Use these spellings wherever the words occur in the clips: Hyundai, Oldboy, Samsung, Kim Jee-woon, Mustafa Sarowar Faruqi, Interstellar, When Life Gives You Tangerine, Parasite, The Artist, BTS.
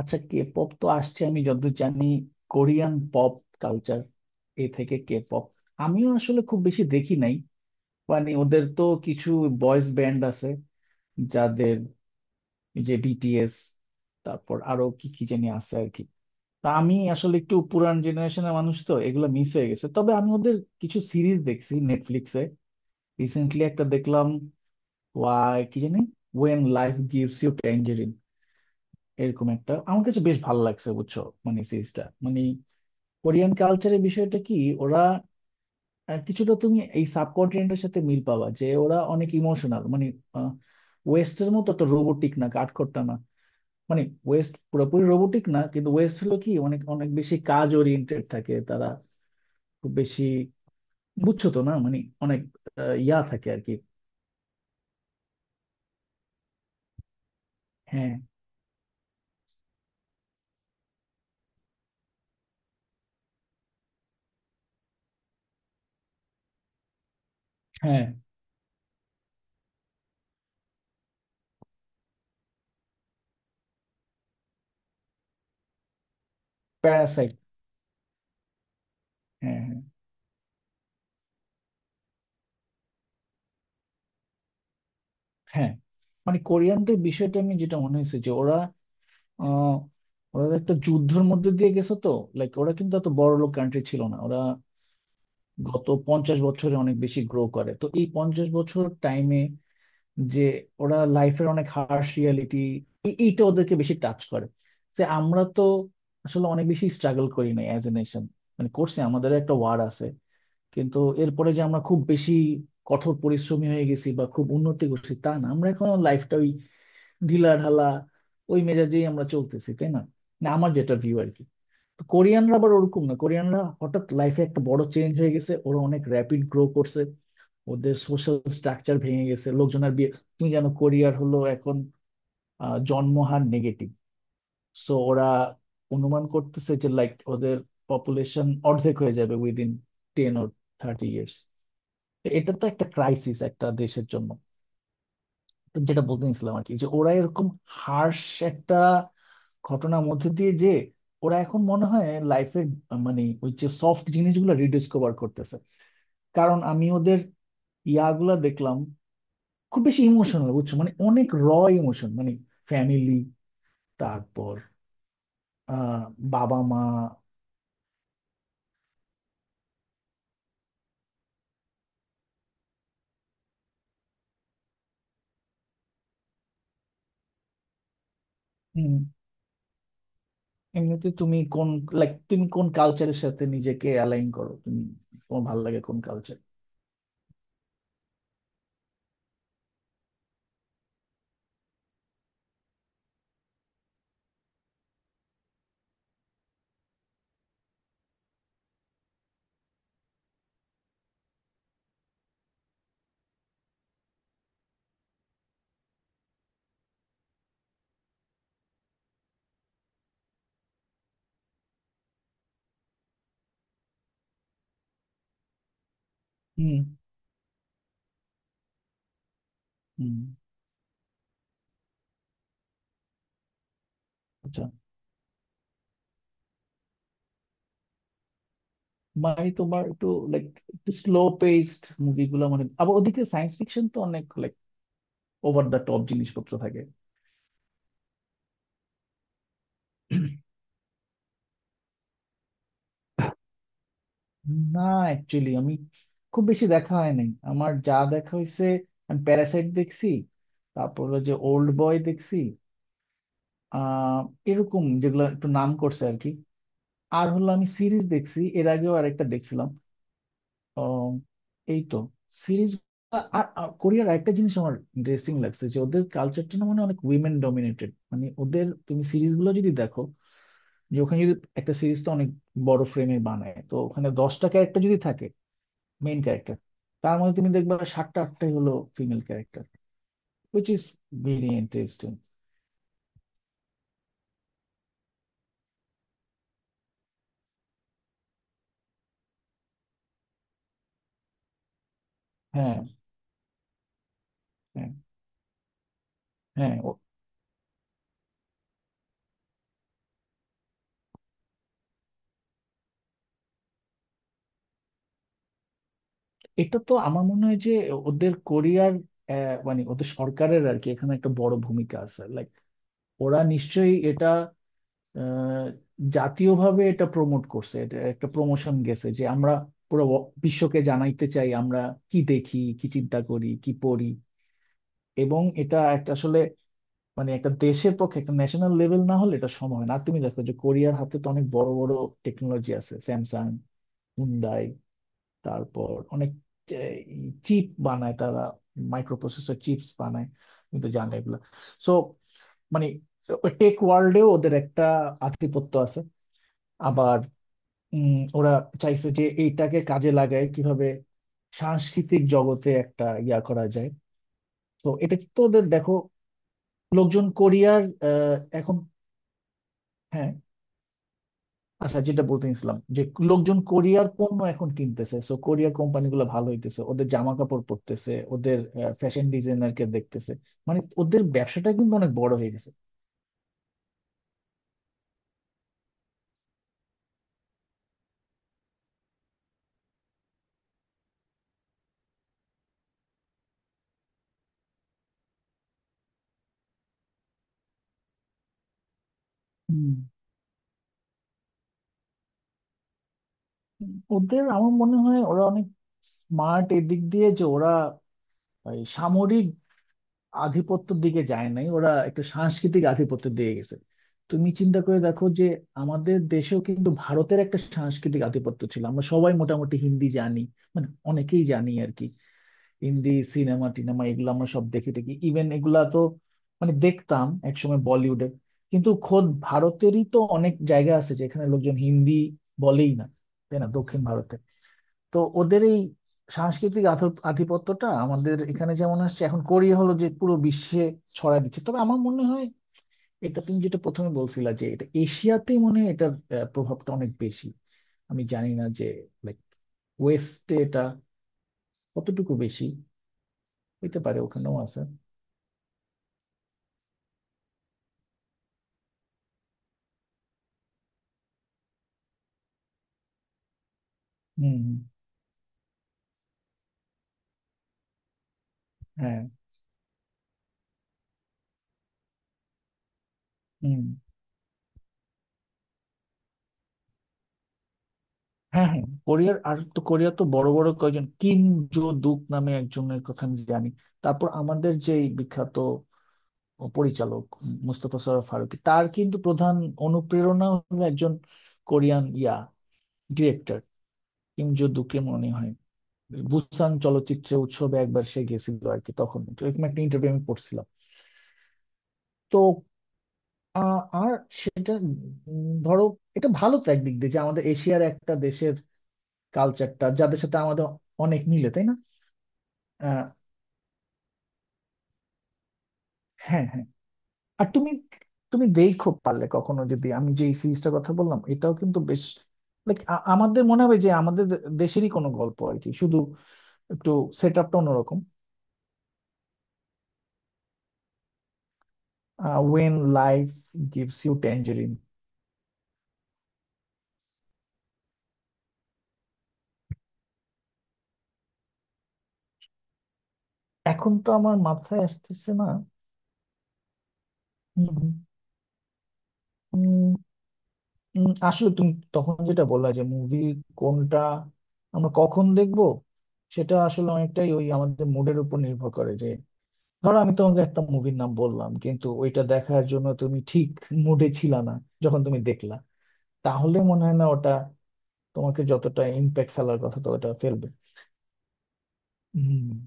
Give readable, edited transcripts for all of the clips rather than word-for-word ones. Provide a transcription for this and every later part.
আচ্ছা, K pop তো আসছে আমি যতদূর জানি কোরিয়ান পপ কালচার এ থেকে কে পপ। আমিও আসলে খুব বেশি দেখি নাই। মানে ওদের তো কিছু বয়েজ ব্যান্ড আছে যাদের, এই যে বিটিএস, তারপর আরো কি কি জানি আছে আর কি। তা আমি আসলে একটু পুরান জেনারেশনের মানুষ তো এগুলো মিস হয়ে গেছে। তবে আমি ওদের কিছু সিরিজ দেখছি নেটফ্লিক্সে। রিসেন্টলি একটা দেখলাম, ওয়াই কি জানি, when life gives you tangerine, এরকম একটা, আমার কাছে বেশ ভালো লাগছে, বুঝছো, মানে সিরিজটা। মানে কোরিয়ান কালচারের বিষয়টা কি, ওরা কিছুটা তুমি এই সাবকন্টিনেন্টের সাথে মিল পাবা, যে ওরা অনেক ইমোশনাল। মানে ওয়েস্টের মতো তো রোবোটিক না, কাঠখোট্টা না। মানে ওয়েস্ট পুরোপুরি রোবোটিক না, কিন্তু ওয়েস্ট হলো কি, অনেক অনেক বেশি কাজ ওরিয়েন্টেড থাকে তারা, খুব বেশি, বুঝছো তো, না মানে অনেক ইয়া থাকে আর কি। হ্যাঁ, হ্যাঁ, প্যারাসাইট, হ্যাঁ, হ্যাঁ, হ্যাঁ। মানে কোরিয়ানদের বিষয়টা আমি যেটা মনে হয়েছে যে ওরা, আহ ওরা একটা যুদ্ধের মধ্যে দিয়ে গেছে তো। লাইক ওরা কিন্তু এত বড় লোক কান্ট্রি ছিল না। ওরা গত 50 বছরে অনেক বেশি গ্রো করে, তো এই 50 বছর টাইমে যে, ওরা লাইফের অনেক হার্শ রিয়ালিটি, এইটা ওদেরকে বেশি টাচ করে। যে আমরা তো আসলে অনেক বেশি স্ট্রাগল করি না অ্যাজ এ নেশন। মানে করছি, আমাদের একটা ওয়ার আছে, কিন্তু এরপরে যে আমরা খুব বেশি কঠোর পরিশ্রমী হয়ে গেছি বা খুব উন্নতি করছি তা না। আমরা এখন লাইফটা ঢিলা ঢালা ওই মেজাজেই আমরা চলতেছি, তাই না? না, আমার যেটা ভিউ আর কি। তো কোরিয়ানরা আবার ওরকম না, কোরিয়ানরা হঠাৎ লাইফে একটা বড় চেঞ্জ হয়ে গেছে, ওরা অনেক র্যাপিড গ্রো করছে, ওদের সোশ্যাল স্ট্রাকচার ভেঙে গেছে, লোকজনের বিয়ে। তুমি জানো কোরিয়ার হলো এখন জন্মহার নেগেটিভ। সো ওরা অনুমান করতেছে যে লাইক ওদের পপুলেশন অর্ধেক হয়ে যাবে উইদিন 10 বা 30 বছরে। এটা তো একটা ক্রাইসিস একটা দেশের জন্য। তো যেটা বলতে নিছিলাম আর কি, যে ওরা এরকম হার্শ একটা ঘটনার মধ্যে দিয়ে, যে ওরা এখন মনে হয় লাইফের, মানে ওই যে সফট জিনিসগুলো রিডিসকভার করতেছে। কারণ আমি ওদের ইয়াগুলা দেখলাম, খুব বেশি ইমোশনাল, বুঝছো, মানে অনেক র ইমোশন, মানে ফ্যামিলি, তারপর আহ বাবা মা। উম, এমনিতে তুমি কোন, লাইক, তুমি কোন কালচারের সাথে নিজেকে অ্যালাইন করো? তুমি, তোমার ভালো লাগে কোন কালচার? হুম, হুম, আচ্ছা। মানে তোমার একটু, লাইক, একটু স্লো পেসড মুভিগুলো। মানে আবার ওদিকে সায়েন্স ফিকশন তো অনেক ওভার দ্য টপ জিনিসপত্র থাকে। না, অ্যাকচুয়ালি আমি খুব বেশি দেখা হয় নাই। আমার যা দেখা হয়েছে, আমি প্যারাসাইট দেখছি, তারপর হলো যে ওল্ড বয় দেখছি, আহ এরকম যেগুলো একটু নাম করছে আর কি। আর হলো আমি সিরিজ দেখছি, এর আগেও আরেকটা দেখছিলাম, আহ, এই তো সিরিজ। আর আর কোরিয়ার একটা জিনিস আমার ইন্টারেস্টিং লাগছে, যে ওদের কালচারটা না মানে অনেক উইমেন ডমিনেটেড। মানে ওদের তুমি সিরিজগুলো যদি দেখো যে ওখানে যদি, একটা সিরিজ তো অনেক বড় ফ্রেমে বানায়, তো ওখানে 10টা ক্যারেক্টার যদি থাকে মেইন ক্যারেক্টার, তার মধ্যে তুমি দেখবা 7-8টাই হলো female character, which is very interesting. হ্যাঁ, হ্যাঁ, হ্যাঁ, এটা তো আমার মনে হয় যে, ওদের কোরিয়ার মানে ওদের সরকারের আর কি এখানে একটা বড় ভূমিকা আছে। লাইক ওরা নিশ্চয়ই এটা আহ, জাতীয়ভাবে এটা প্রমোট করছে, এটা একটা প্রমোশন গেছে যে আমরা পুরো বিশ্বকে জানাইতে চাই আমরা কি দেখি, কি চিন্তা করি, কি পড়ি। এবং এটা একটা আসলে, মানে একটা দেশের পক্ষে একটা ন্যাশনাল লেভেল না হলে এটা সম্ভব হয় না। আর তুমি দেখো যে কোরিয়ার হাতে তো অনেক বড় বড় টেকনোলজি আছে, স্যামসাং, হুন্ডাই, তারপর অনেক চিপ বানায় তারা, মাইক্রো প্রসেসর চিপস বানায়, তুমি তো জানো এগুলা। সো মানে টেক ওয়ার্ল্ডেও ওদের একটা আধিপত্য আছে। আবার ওরা চাইছে যে এইটাকে কাজে লাগায় কিভাবে সাংস্কৃতিক জগতে একটা ইয়া করা যায়। তো এটা তো ওদের দেখো, লোকজন কোরিয়ার এখন, হ্যাঁ, আচ্ছা, যেটা বলতে নিছিলাম যে লোকজন কোরিয়ার পণ্য এখন কিনতেছে, সো কোরিয়ার কোম্পানিগুলো ভালো হইতেছে, ওদের জামা কাপড় পরতেছে, ওদের ফ্যাশন ডিজাইনারকে দেখতেছে, মানে ওদের ব্যবসাটা কিন্তু অনেক বড় হয়ে গেছে। হুম। ওদের আমার মনে হয় ওরা অনেক স্মার্ট এদিক দিয়ে যে ওরা এই সামরিক আধিপত্যের দিকে যায় নাই, ওরা একটা সাংস্কৃতিক আধিপত্যের দিকে গেছে। তুমি চিন্তা করে দেখো যে আমাদের দেশেও কিন্তু ভারতের একটা সাংস্কৃতিক আধিপত্য ছিল, আমরা সবাই মোটামুটি হিন্দি জানি, মানে অনেকেই জানি আর কি। হিন্দি সিনেমা টিনেমা এগুলো আমরা সব দেখে থাকি, ইভেন এগুলা তো মানে দেখতাম একসময়, বলিউডে। কিন্তু খোদ ভারতেরই তো অনেক জায়গা আছে যেখানে লোকজন হিন্দি বলেই না, তাই না, দক্ষিণ ভারতে। তো ওদের এই সাংস্কৃতিক আধিপত্যটা আমাদের এখানে যেমন আসছে, এখন কোরিয়া হলো যে পুরো বিশ্বে ছড়ায় দিচ্ছে। তবে আমার মনে হয় এটা, তুমি যেটা প্রথমে বলছিলা, যে এটা এশিয়াতেই মনে হয় এটার প্রভাবটা অনেক বেশি। আমি জানি না যে, লাইক, ওয়েস্টে এটা কতটুকু বেশি। হইতে পারে ওখানেও আছে। হুম, হুম, হ্যাঁ, হুম, হ্যাঁ, হ্যাঁ, কোরিয়ার আর, তো কোরিয়া তো বড় বড় কয়জন, কিম জো দুক নামে একজনের কথা আমি জানি। তারপর আমাদের যেই বিখ্যাত পরিচালক, মুস্তফা সরোয়ার ফারুকী, তার কিন্তু প্রধান অনুপ্রেরণা হলো একজন Korean yeah director, Kim Jo দুকে মনে হয়। বুসান চলচ্চিত্র উৎসবে একবার সে গেছিল আর কি, তখন এরকম একটা ইন্টারভিউ আমি পড়ছিলাম। তো আর সেটা, ধরো, এটা ভালো তো একদিক দিয়ে যে আমাদের এশিয়ার একটা দেশের কালচারটা, যাদের সাথে আমাদের অনেক মিলে, তাই না? আহ, হ্যাঁ, হ্যাঁ, আর তুমি, তুমি দেখো পারলে কখনো, যদি, আমি যে সিরিজটার কথা বললাম এটাও কিন্তু বেশ, লাইক, আমাদের মনে হবে যে আমাদের দেশেরই কোনো গল্প আর কি, শুধু একটু সেট আপটা অন্যরকম। When life gives you tangerine. এখন তো আমার মাথায় আসতেছে না। হুম। উম, উম, আসলে তুমি তখন যেটা বললা যে মুভি কোনটা আমরা কখন দেখবো সেটা আসলে অনেকটাই ওই আমাদের মুডের উপর নির্ভর করে। ধরো আমি তোমাকে একটা মুভির নাম বললাম, কিন্তু ওইটা দেখার জন্য তুমি ঠিক মুডে ছিল না যখন তুমি দেখলা, তাহলে মনে হয় না ওটা তোমাকে যতটা ইম্প্যাক্ট ফেলার কথা তো ওটা ফেলবে। হম।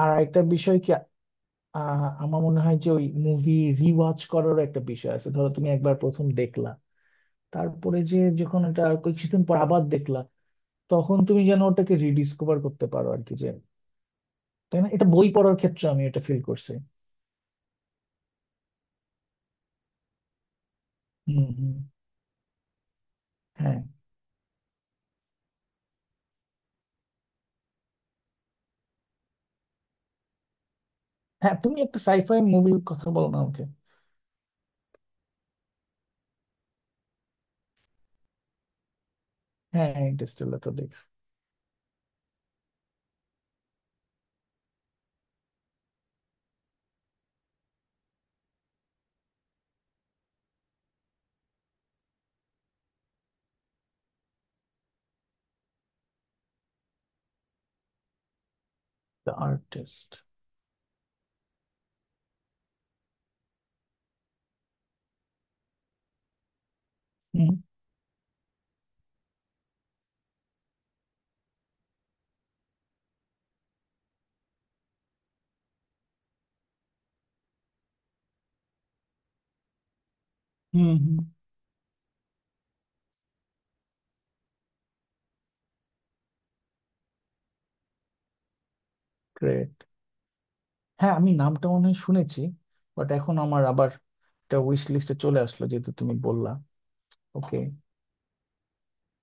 আর একটা বিষয় কি, আমার মনে হয় যে ওই মুভি রিওয়াচ করারও একটা বিষয় আছে। ধরো তুমি একবার প্রথম দেখলা, তারপরে যে যখন এটা আর কিছুদিন পর আবার দেখলা, তখন তুমি যেন ওটাকে রিডিসকভার করতে পারো আর কি, যে, তাই না? এটা বই পড়ার ক্ষেত্রে আমি এটা ফিল করছি। হম, হম, হ্যাঁ, হ্যাঁ, তুমি একটা সাইফাই মুভির কথা বলো না আমাকে। হ্যাঁ, ইন্টারস্টেলার তো দেখছি। The Artist. হুম, হুম, হুম, গ্রেট। হ্যাঁ, আমি নামটা মনে হয় শুনেছি, বাট এখন আমার আবার একটা উইশ লিস্টে চলে আসলো যেহেতু তুমি বললা। ওকে।